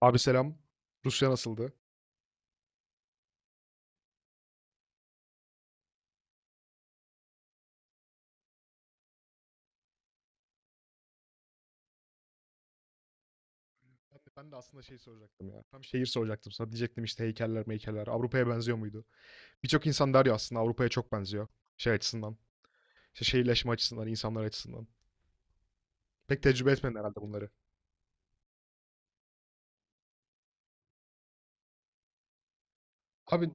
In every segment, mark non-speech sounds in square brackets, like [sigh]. Abi selam. Rusya nasıldı? Ben de aslında şey soracaktım ya. Tam şehir soracaktım sana. Diyecektim işte heykeller meykeller. Avrupa'ya benziyor muydu? Birçok insan der ya aslında Avrupa'ya çok benziyor. Şey açısından. İşte şehirleşme açısından, insanlar açısından. Pek tecrübe etmedin herhalde bunları. Abi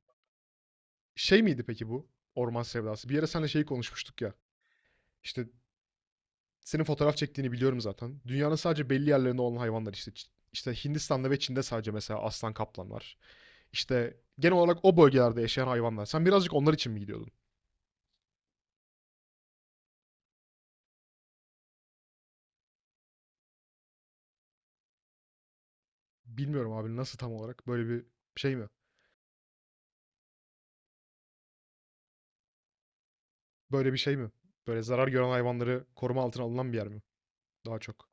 şey miydi peki bu? Orman sevdası. Bir yere seninle şeyi konuşmuştuk ya. İşte. Senin fotoğraf çektiğini biliyorum zaten. Dünyanın sadece belli yerlerinde olan hayvanlar işte. İşte. Hindistan'da ve Çin'de sadece mesela aslan kaplan var. İşte genel olarak o bölgelerde yaşayan hayvanlar. Sen birazcık onlar için mi gidiyordun? Bilmiyorum abi nasıl tam olarak böyle bir şey mi? Böyle bir şey mi? Böyle zarar gören hayvanları koruma altına alınan bir yer mi? Daha çok.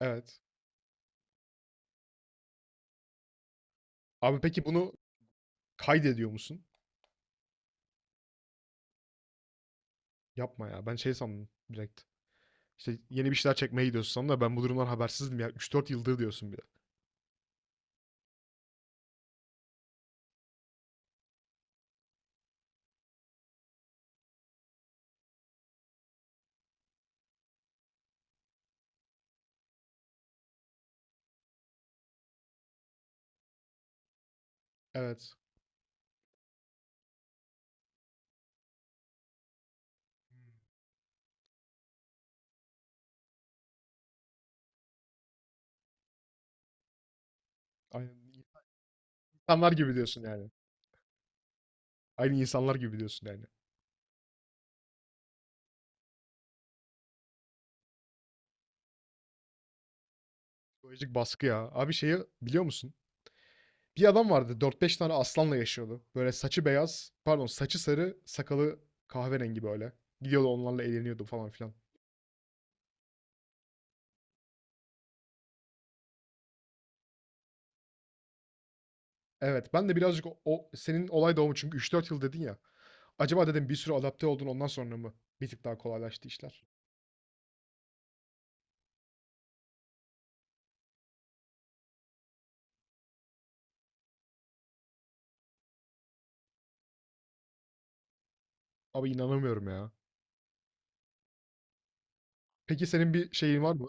Evet. Abi peki bunu kaydediyor musun? Yapma ya. Ben şey sandım direkt. İşte yeni bir şeyler çekmeye gidiyorsun sandım da ben bu durumdan habersizdim ya. Üç dört yıldır diyorsun bir de. Evet. Aynen. İnsanlar gibi diyorsun yani. Aynı insanlar gibi diyorsun yani. Psikolojik baskı ya. Abi şeyi biliyor musun? Bir adam vardı dört beş tane aslanla yaşıyordu. Böyle saçı beyaz, pardon saçı sarı, sakalı kahverengi böyle. Gidiyordu onlarla eğleniyordu falan filan. Evet ben de birazcık senin olay doğumu çünkü üç dört yıl dedin ya. Acaba dedim bir sürü adapte oldun ondan sonra mı bir tık daha kolaylaştı işler? Abi inanamıyorum ya. Peki senin bir şeyin var mı?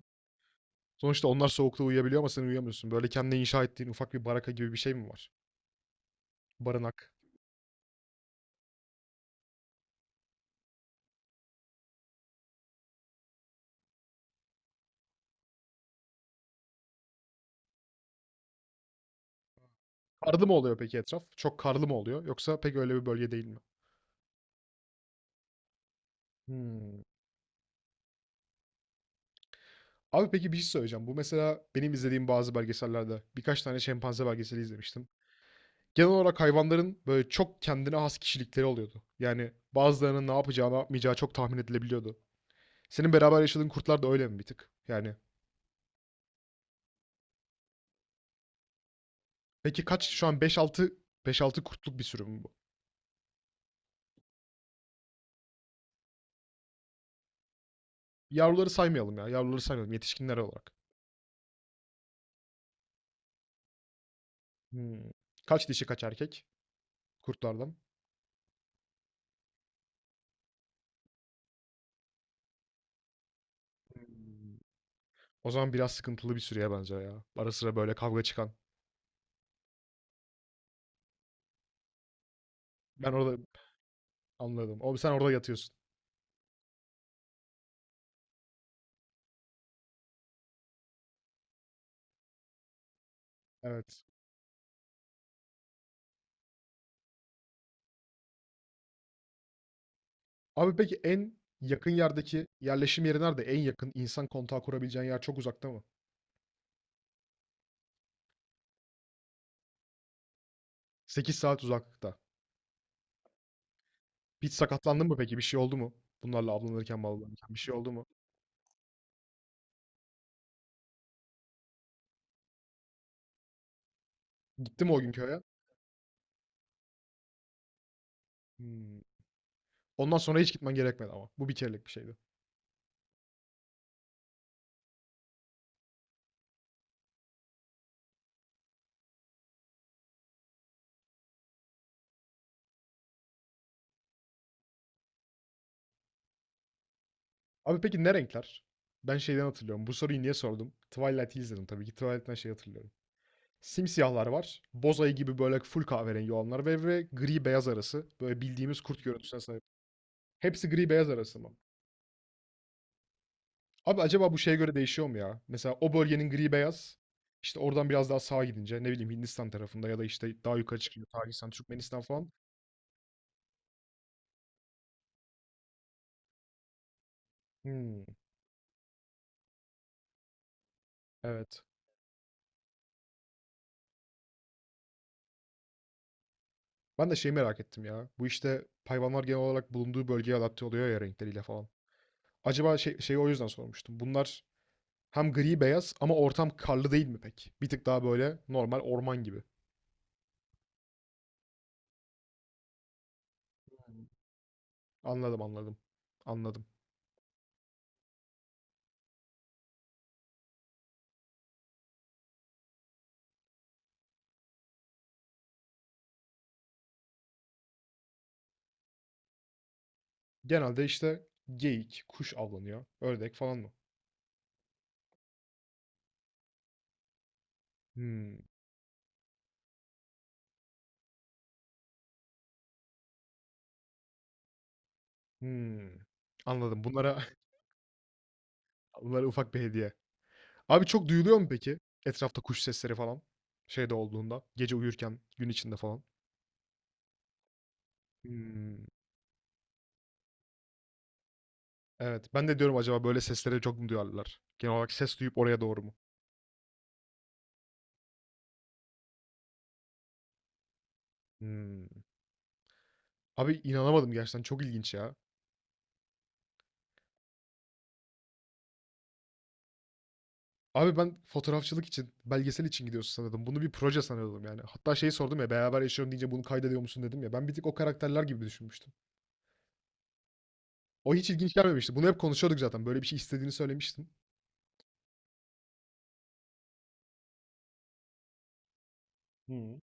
Sonuçta onlar soğukta uyuyabiliyor ama sen uyuyamıyorsun. Böyle kendine inşa ettiğin ufak bir baraka gibi bir şey mi var? Barınak. Karlı mı oluyor peki etraf? Çok karlı mı oluyor? Yoksa pek öyle bir bölge değil mi? Hmm. Abi peki bir şey söyleyeceğim. Bu mesela benim izlediğim bazı belgesellerde birkaç tane şempanze belgeseli izlemiştim. Genel olarak hayvanların böyle çok kendine has kişilikleri oluyordu. Yani bazılarının ne yapacağı, ne yapmayacağı çok tahmin edilebiliyordu. Senin beraber yaşadığın kurtlar da öyle mi bir tık? Yani peki kaç şu an beş altı beş altı kurtluk bir sürü mü bu? Yavruları saymayalım ya. Yavruları saymayalım yetişkinler olarak. Hmm. Kaç dişi kaç erkek kurtlardan? O zaman biraz sıkıntılı bir süreye bence ya. Ara sıra böyle kavga çıkan. Ben orada anladım. Abi sen orada yatıyorsun. Evet. Abi peki en yakın yerdeki yerleşim yeri nerede? En yakın insan kontağı kurabileceğin yer çok uzakta mı? 8 saat uzaklıkta. Hiç sakatlandın mı peki? Bir şey oldu mu? Bunlarla avlanırken bir şey oldu mu? Gitti mi o gün köye? Hmm. Ondan sonra hiç gitmen gerekmedi ama. Bu bir kerelik bir şeydi. Abi peki ne renkler? Ben şeyden hatırlıyorum. Bu soruyu niye sordum? Twilight'i izledim tabii ki. Twilight'ten şey hatırlıyorum. Simsiyahlar var. Bozayı gibi böyle full kahverengi olanlar ve gri beyaz arası. Böyle bildiğimiz kurt görüntüsüne sahip. Hepsi gri beyaz arası mı? Abi acaba bu şeye göre değişiyor mu ya? Mesela o bölgenin gri beyaz. İşte oradan biraz daha sağa gidince ne bileyim Hindistan tarafında ya da işte daha yukarı çıkıyor Pakistan, Türkmenistan falan. Hmm, evet. Ben de şeyi merak ettim ya. Bu işte hayvanlar genel olarak bulunduğu bölgeye adapte oluyor ya renkleriyle falan. Acaba şey, şeyi o yüzden sormuştum. Bunlar hem gri beyaz ama ortam karlı değil mi pek? Bir tık daha böyle normal orman gibi. Anladım anladım. Anladım. Genelde işte geyik, kuş avlanıyor. Ördek falan mı? Hımm. Hımm. Anladım. Bunlara [laughs] bunlara ufak bir hediye. Abi çok duyuluyor mu peki etrafta kuş sesleri falan? Şeyde olduğunda, gece uyurken, gün içinde falan. Hımm. Evet. Ben de diyorum acaba böyle seslere çok mu duyarlar? Genel olarak ses duyup oraya doğru mu? Hımm. Abi inanamadım gerçekten çok ilginç ya. Abi ben fotoğrafçılık için, belgesel için gidiyorsun sanıyordum. Bunu bir proje sanıyordum yani. Hatta şeyi sordum ya beraber yaşıyorum deyince bunu kaydediyor musun dedim ya. Ben bir tık o karakterler gibi düşünmüştüm. O hiç ilginç gelmemişti. Bunu hep konuşuyorduk zaten. Böyle bir şey istediğini söylemiştin. Hı.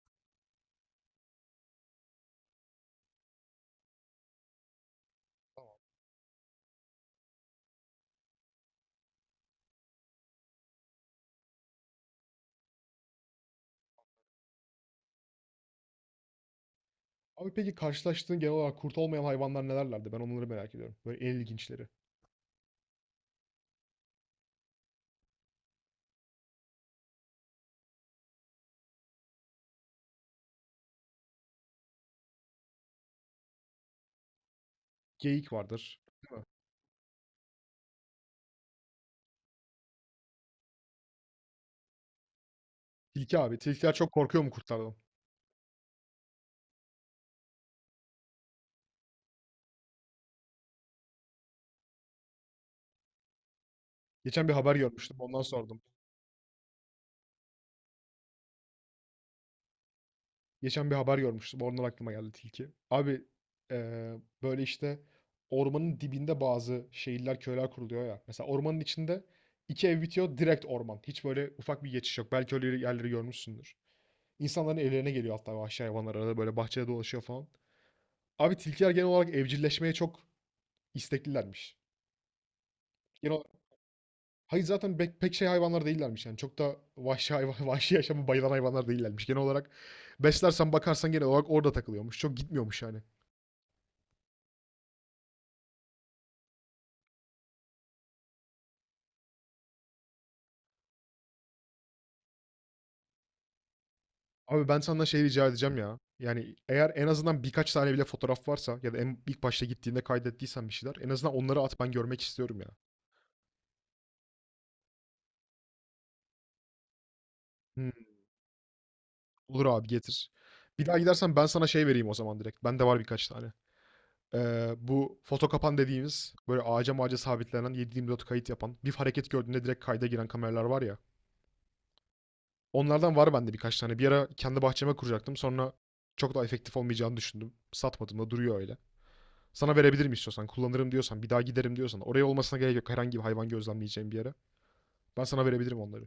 Abi peki karşılaştığın genel olarak kurt olmayan hayvanlar nelerlerdi? Ben onları merak ediyorum. Böyle en ilginçleri. Geyik vardır. Tilki abi. Tilkiler çok korkuyor mu kurtlardan? Geçen bir haber görmüştüm. Ondan sordum. Geçen bir haber görmüştüm. Oradan aklıma geldi tilki. Abi eee, böyle işte ormanın dibinde bazı şehirler, köyler kuruluyor ya. Mesela ormanın içinde iki ev bitiyor direkt orman. Hiç böyle ufak bir geçiş yok. Belki öyle yerleri görmüşsündür. İnsanların evlerine geliyor hatta vahşi hayvanlar arada böyle bahçede dolaşıyor falan. Abi tilkiler genel olarak evcilleşmeye çok isteklilermiş. Genel olarak- hayır zaten pek şey hayvanlar değillermiş yani. Çok da vahşi hayvan, [laughs] vahşi yaşamı bayılan hayvanlar değillermiş. Genel olarak beslersen bakarsan genel olarak orada takılıyormuş. Çok gitmiyormuş yani. Abi ben senden şey rica edeceğim ya. Yani eğer en azından birkaç tane bile fotoğraf varsa ya da en ilk başta gittiğinde kaydettiysen bir şeyler en azından onları at ben görmek istiyorum ya. Hmm, olur abi getir. Bir daha gidersen ben sana şey vereyim o zaman direkt. Bende var birkaç tane. Bu foto kapan dediğimiz böyle ağaca mağaca sabitlenen 7/24 kayıt yapan bir hareket gördüğünde direkt kayda giren kameralar var ya. Onlardan var bende birkaç tane. Bir ara kendi bahçeme kuracaktım. Sonra çok da efektif olmayacağını düşündüm. Satmadım da duruyor öyle. Sana verebilirim istiyorsan. Kullanırım diyorsan. Bir daha giderim diyorsan. Oraya olmasına gerek yok. Herhangi bir hayvan gözlemleyeceğim bir yere. Ben sana verebilirim onları.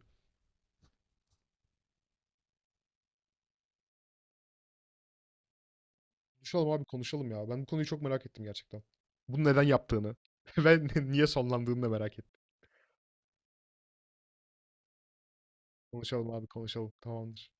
Konuşalım abi konuşalım ya. Ben bu konuyu çok merak ettim gerçekten. Bunu neden yaptığını [laughs] ve niye sonlandığını da merak ettim. Konuşalım abi konuşalım. Tamamdır.